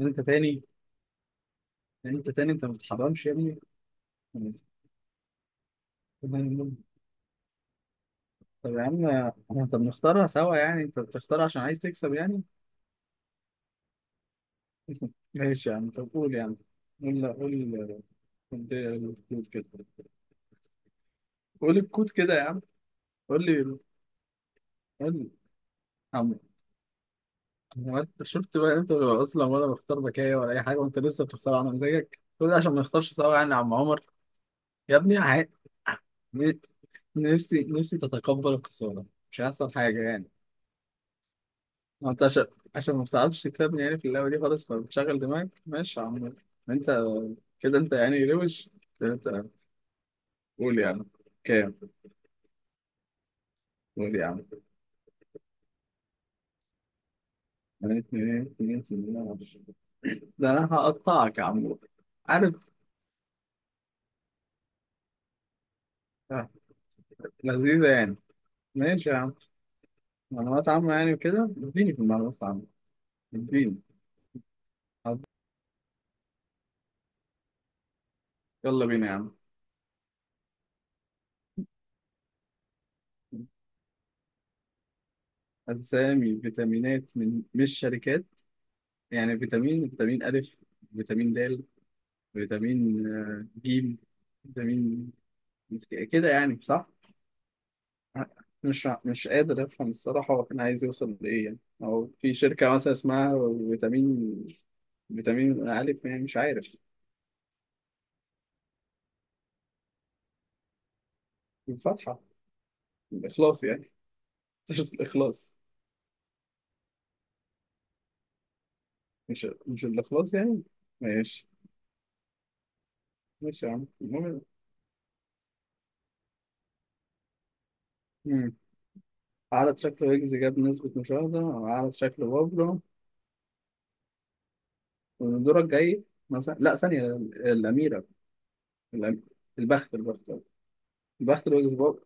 انت تاني انت تاني انت ما بتحرمش يا ابني. طب يا عم، طب نختارها سوا، يعني انت بتختار عشان عايز تكسب يعني. ماشي يا عم، طب قول يا عم، قول لا قول، قول الكود كده قول الكود كده يا عم، قول لي قول لي يا عم. هو انت شفت بقى؟ انت اصلا ولا بختار بكاية ولا اي حاجه، وانت لسه بتختار على مزاجك، كل ده عشان ما نختارش سوا يعني، يا عم عمر. يا ابني ن- نفسي تتقبل الخساره، مش هيحصل حاجه يعني. ما انت عشان ما بتعرفش تكسبني يعني في اللعبه دي خالص، فبتشغل دماغك. ماشي يا عم، انت كده انت يعني روش كده. انت قول يا عم كام، قول يا عم. انا اتنين اتنين اتنين معرفش. ده انا هقطعك يا عم، عارف؟ آه، لذيذه يعني. ماشي يا عم، معلومات عامه يعني كده، اديني في المعلومات العامه، اديني، حاضر. يلا بينا يا عم. أسامي فيتامينات من مش شركات؟ يعني فيتامين ألف، فيتامين د، فيتامين ج، فيتامين، كده يعني صح؟ مش قادر افهم الصراحه هو كان عايز يوصل لايه يعني. هو في شركه مثلا اسمها فيتامين، الف يعني، مش عارف. الفاتحه، الاخلاص يعني. سيره الاخلاص. مش الاخلاص يعني؟ ماشي، ماشي يا عم، المهم. مم. اعلى تراك ويجز جاب نسبه مشاهده أو اعلى تراك لبابلو. والدور الجاي مثلا، لا، ثانيه، الاميره. الأم... البخت، البخت، البخت الويجز،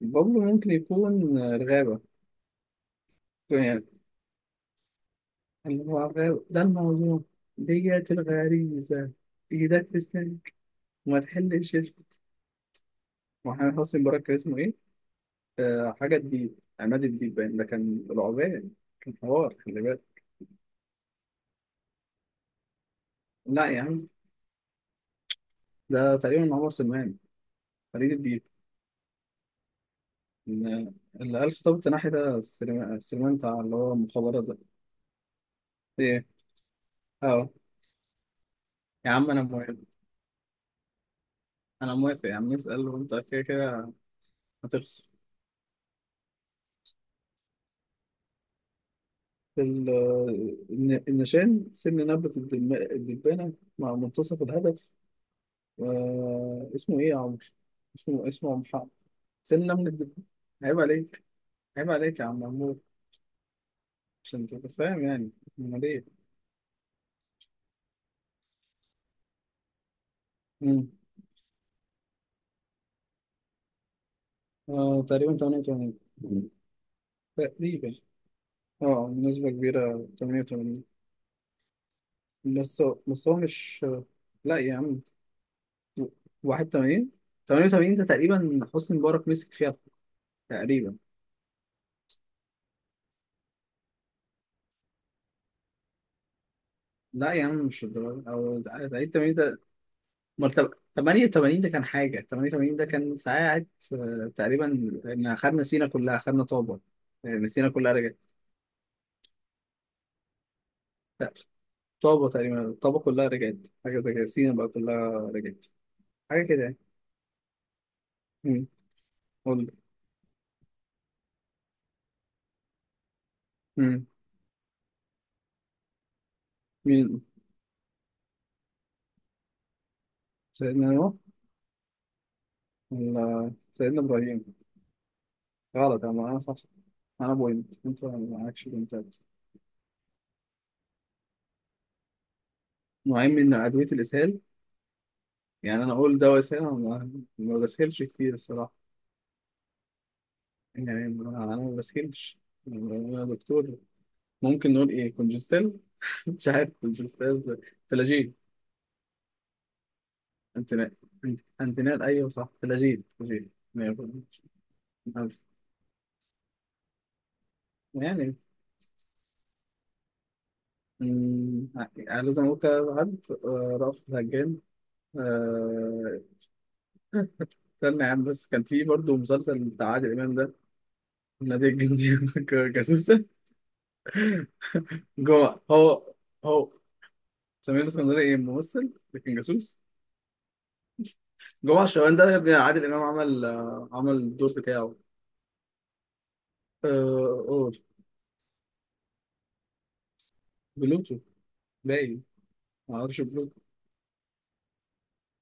بابلو ممكن يكون الغابه. ده الموضوع، ديت الغريزة. إيدك في سنانك وما تحلش يا شيخ. محمد حسني مبارك كان اسمه إيه؟ آه، حاجة الديب، عماد الديب باين ده كان العبان، كان حوار خلي بالك. لا يا عم، ده تقريبا عمر سلمان، فريد الديب. إن- اللي قال خطاب التناحي ده السليمان، السليمان بتاع اللي هو المخابرات ده. إيه؟ أه. يا عم أنا موافق، أنا موافق يا عم، اسأل، وأنت كده كده هتخسر. ال- النشان سن نبتة الدبانة مع منتصف الهدف. آه، اسمه إيه يا عمرو؟ اسمه محمد. سن نمل الدبانة. عيب عليك، عيب عليك يا عم محمود، عشان تبقى فاهم يعني. أمال إيه؟ مم. آه تقريبا 88. مم. تقريبا. اه بنسبة كبيرة 88. بس هو مش. لا يا عم. 81. 88 ده تقريبا حسني مبارك مسك فيها، تقريبا. لا يا عم مش الدرجة، أو عيد 80 ده؟ أمال 88 ده كان حاجة، 88 ده كان ساعات آه، تقريبا، إن خدنا سينا كلها، خدنا طابة، يعني سينا كلها رجعت. لا، طابة تقريبا، طابة كلها رجعت، حاجة زي كده، سينا بقى كلها رجعت، حاجة كده يعني. مم. قول لي. مم. مين؟ سيدنا نوح ولا سيدنا إبراهيم؟ غلط، أنا صح، أنا بوينت، أنت معكش بوينتات. نوعين من أدوية الإسهال؟ يعني أنا أقول دواء إسهال، أنا ما بسهلش كتير الصراحة، يعني انا ما بسكنش، يعني يا دكتور. ممكن نقول ايه، كونجستيل؟ مش عارف، كونجستيل، فلاجيل، انتنال. انتنال ايوه صح، فلاجيل، فلاجيل مية في المية. يعني مم، يعني لازم اقول كده حد رأفت الهجان. آه، استنى يا عم، بس كان في برضه مسلسل بتاع عادل امام ده. نادي الجندي. جاسوسة. جوه هو، هو سمير اسكندري ايه، ممثل لكن جاسوس. جمعة الشوال ده يا ابني عادل إمام عمل عمل الدور بتاعه. قول. بلوتو، باين، ما اعرفش، بلوتو.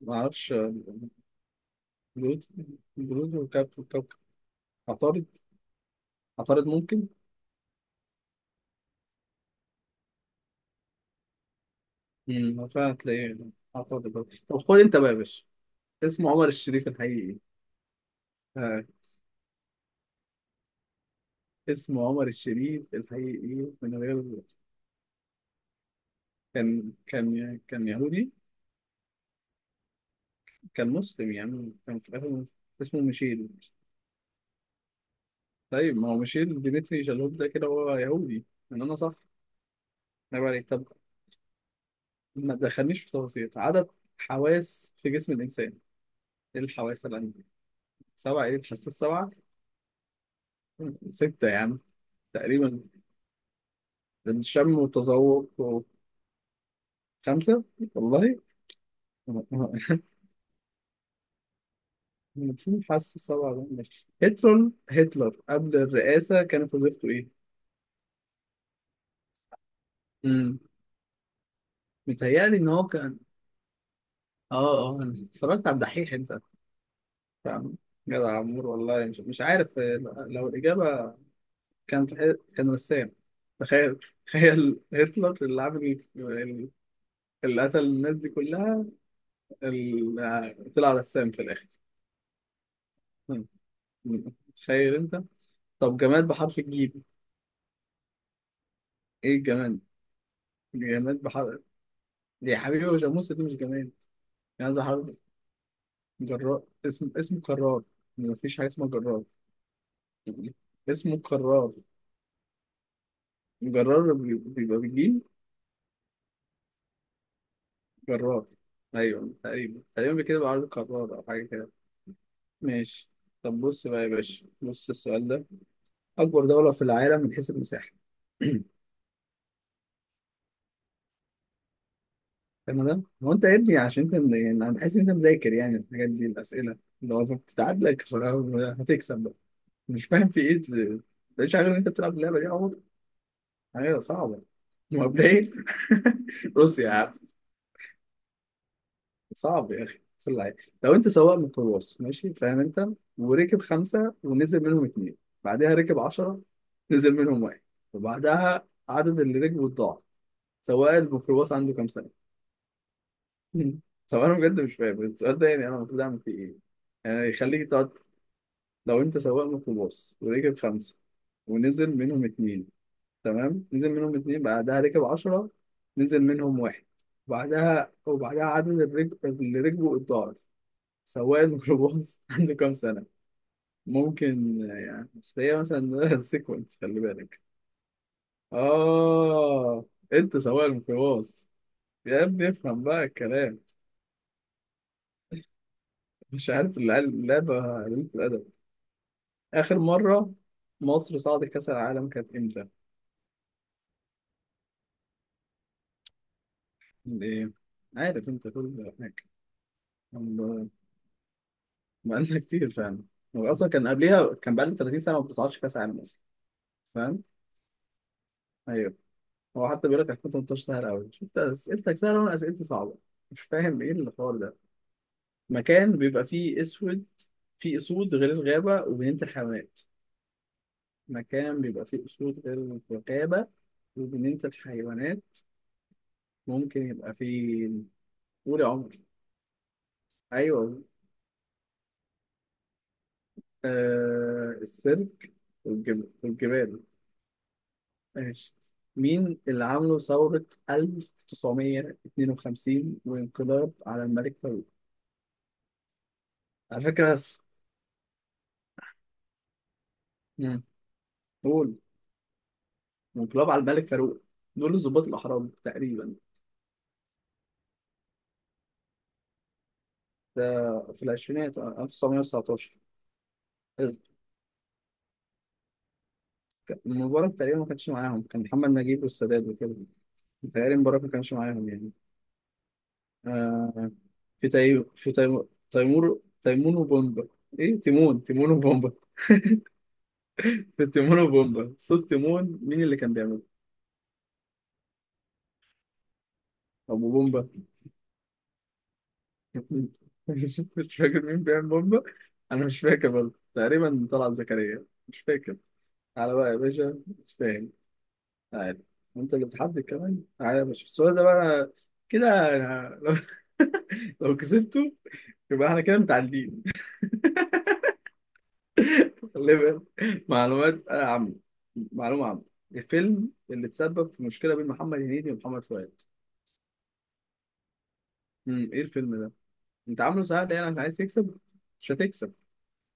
ما اعرفش بلوتو، بلوتو وكابتن كوكب. عطارد، عطارد ممكن. امم، فعلا تلاقيه عطارد برضه. طب خد انت بقى يا باشا، اسمه عمر الشريف الحقيقي ايه؟ آه. اسمه عمر الشريف الحقيقي ايه؟ من غير. كان كان يهودي. كان مسلم يعني، كان في الاخر، اسمه ميشيل. طيب ما هو ميشيل ديمتري شالوب ده كده هو يهودي. ان انا صح، عيب عليك. طب ما تدخلنيش في تفاصيل. عدد حواس في جسم الإنسان؟ إيه الحواس اللي عندي؟ سبعة، إيه الحاسة السبعة؟ ستة يا عم، تقريبا. الشم والتذوق خمسة والله. في حاسة السبعة ده؟ ماشي. هتلر، هتلر قبل الرئاسة كانت وظيفته إيه؟ امم، متهيألي إن هو كان. آه آه، أنا اتفرجت على الدحيح أنت فاهم. جدع يا عمور، والله مش عارف لو الإجابة، كان، كان رسام. تخيل، تخيل هتلر اللي عامل اللي قتل الناس دي كلها، طلع رسام في الآخر. مم. مم. تخيل أنت. طب جماد بحرف الجيم؟ إيه الجماد؟ جماد بحرف. يا حبيبي هو جاموسة دي مش جماد. جماد بحرف. جرار اسم، اسمه كرار، مفيش حاجة اسمها جرار، اسمه كرار. جرار بيبقى بالجيم. جرار أيوه، تقريبا تقريبا كده بيبقى، عارف، كرار أو حاجة كده. ماشي. طب بص بقى يا باشا، بص السؤال ده، أكبر دولة في العالم من حيث المساحة. تمام. هو أنت يا ابني عشان أنت يعني أنا بحس إن أنت مذاكر يعني الحاجات دي، الأسئلة لو بتتعادلك هتكسب بقى. مش فاهم في إيه مش عارف إن أنت بتلعب اللعبة دي يا عمر، حاجة صعبة. مبدئيا روسيا. صعب يا اخي في العين. لو انت سواق ميكروباص، ماشي، فاهم انت، وركب خمسه، ونزل منهم اتنين، بعدها ركب عشره، نزل منهم واحد، وبعدها عدد اللي ركبوا اتضاعف، سواق الميكروباص عنده كام سنه؟ مم. طب انا بجد مش فاهم السؤال ده، يعني انا المفروض اعمل فيه ايه؟ يعني يخليك تقعد. لو انت سواق ميكروباص، وركب خمسه، ونزل منهم اتنين، تمام، نزل منهم اتنين، بعدها ركب عشرة، نزل منهم واحد، وبعدها عدد اللي ركبوا اتضاعف، سواق الميكروباص عنده كام سنة؟ ممكن، يعني بس هي مثلا سيكونس، خلي بالك. آه، أنت سواق الميكروباص، يا ابني افهم بقى الكلام. مش عارف اللعبة قليلة الأدب. آخر مرة مصر صعدت كأس العالم كانت إمتى؟ إيه، عارف أنت كل هناك، بقالنا كتير فعلا. هو أصلا كان قبليها كان بقالنا 30 سنة ما بتصعدش كأس العالم أصلا. فاهم؟ أيوه. هو حتى بيقول لك 2018 سهل قوي، انت اسئلتك سهله وانا اسئلتي صعبه، مش فاهم ايه الحوار ده. مكان بيبقى فيه اسود، فيه اسود غير الغابه وبنينه الحيوانات، مكان بيبقى فيه اسود غير الغابه وبنينه الحيوانات، ممكن يبقى فيه. قول يا عمر. ايوه. آه، السيرك. والجبال، والجبال. ماشي. مين اللي عملوا ثورة 1952 وانقلاب على الملك فاروق؟ على فكرة بس. مم. قول. انقلاب على الملك فاروق، دول الضباط الأحرار تقريبا. ده في العشرينات، آه، 1919. المباراة تقريبا ما كانش معاهم، كان محمد نجيب والسادات وكده، متهيألي المباراة ما كانش معاهم يعني. آه. في تي... في تي... تيمور، تيمون وبومبا، ايه، تيمون، تيمون وبومبا. في تيمون وبومبا، صوت تيمون مين اللي كان بيعمله؟ أبو بومبا. مش فاكر مين بيعمل بومبا. أنا مش فاكر برضه، تقريبا طلعت زكريا، مش فاكر. على بقى يا باشا، مش فاهم، عارف، انت اللي بتحدد كمان. تعالى يا باشا، السؤال ده بقى، كده. أنا لو لو كسبته يبقى احنا كده متعادلين. خلي بالك. معلومات عامة، معلومة عامة، الفيلم اللي تسبب في مشكلة بين محمد هنيدي ومحمد فؤاد. امم، ايه الفيلم ده؟ انت عامله سهل يعني عشان عايز تكسب؟ مش هتكسب.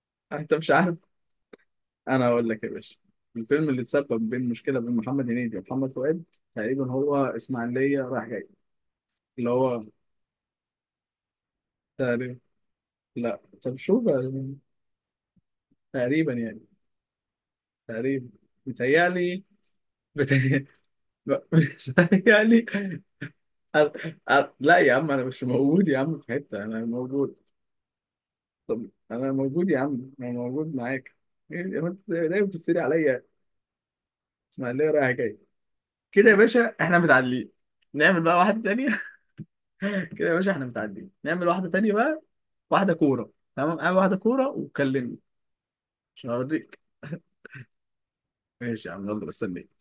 انت مش عارف، انا هقول لك يا باشا، الفيلم اللي تسبب بين مشكلة بين محمد هنيدي ومحمد فؤاد، تقريبا هو اسماعيلية رايح جاي. اللي هو، تقريبا. لا، طب شوف بقى، تقريبا يعني، تقريبا، متهيألي، متهيألي متهيألي. أنا... لا يا عم، أنا مش موجود يا عم في حتة، أنا موجود. طب أنا موجود يا عم، أنا موجود معاك. إيه يا عم، أنت دايما بتفتري عليا. إسماعيلية رايحة جاية، كده يا باشا إحنا متعادلين. نعمل بقى واحدة تانية. كده يا باشا إحنا متعادلين، نعمل واحدة تانية بقى، واحدة كورة، تمام، أعمل واحدة كورة وكلمني عشان أوريك. ماشي يا عم، يلا بستنيك.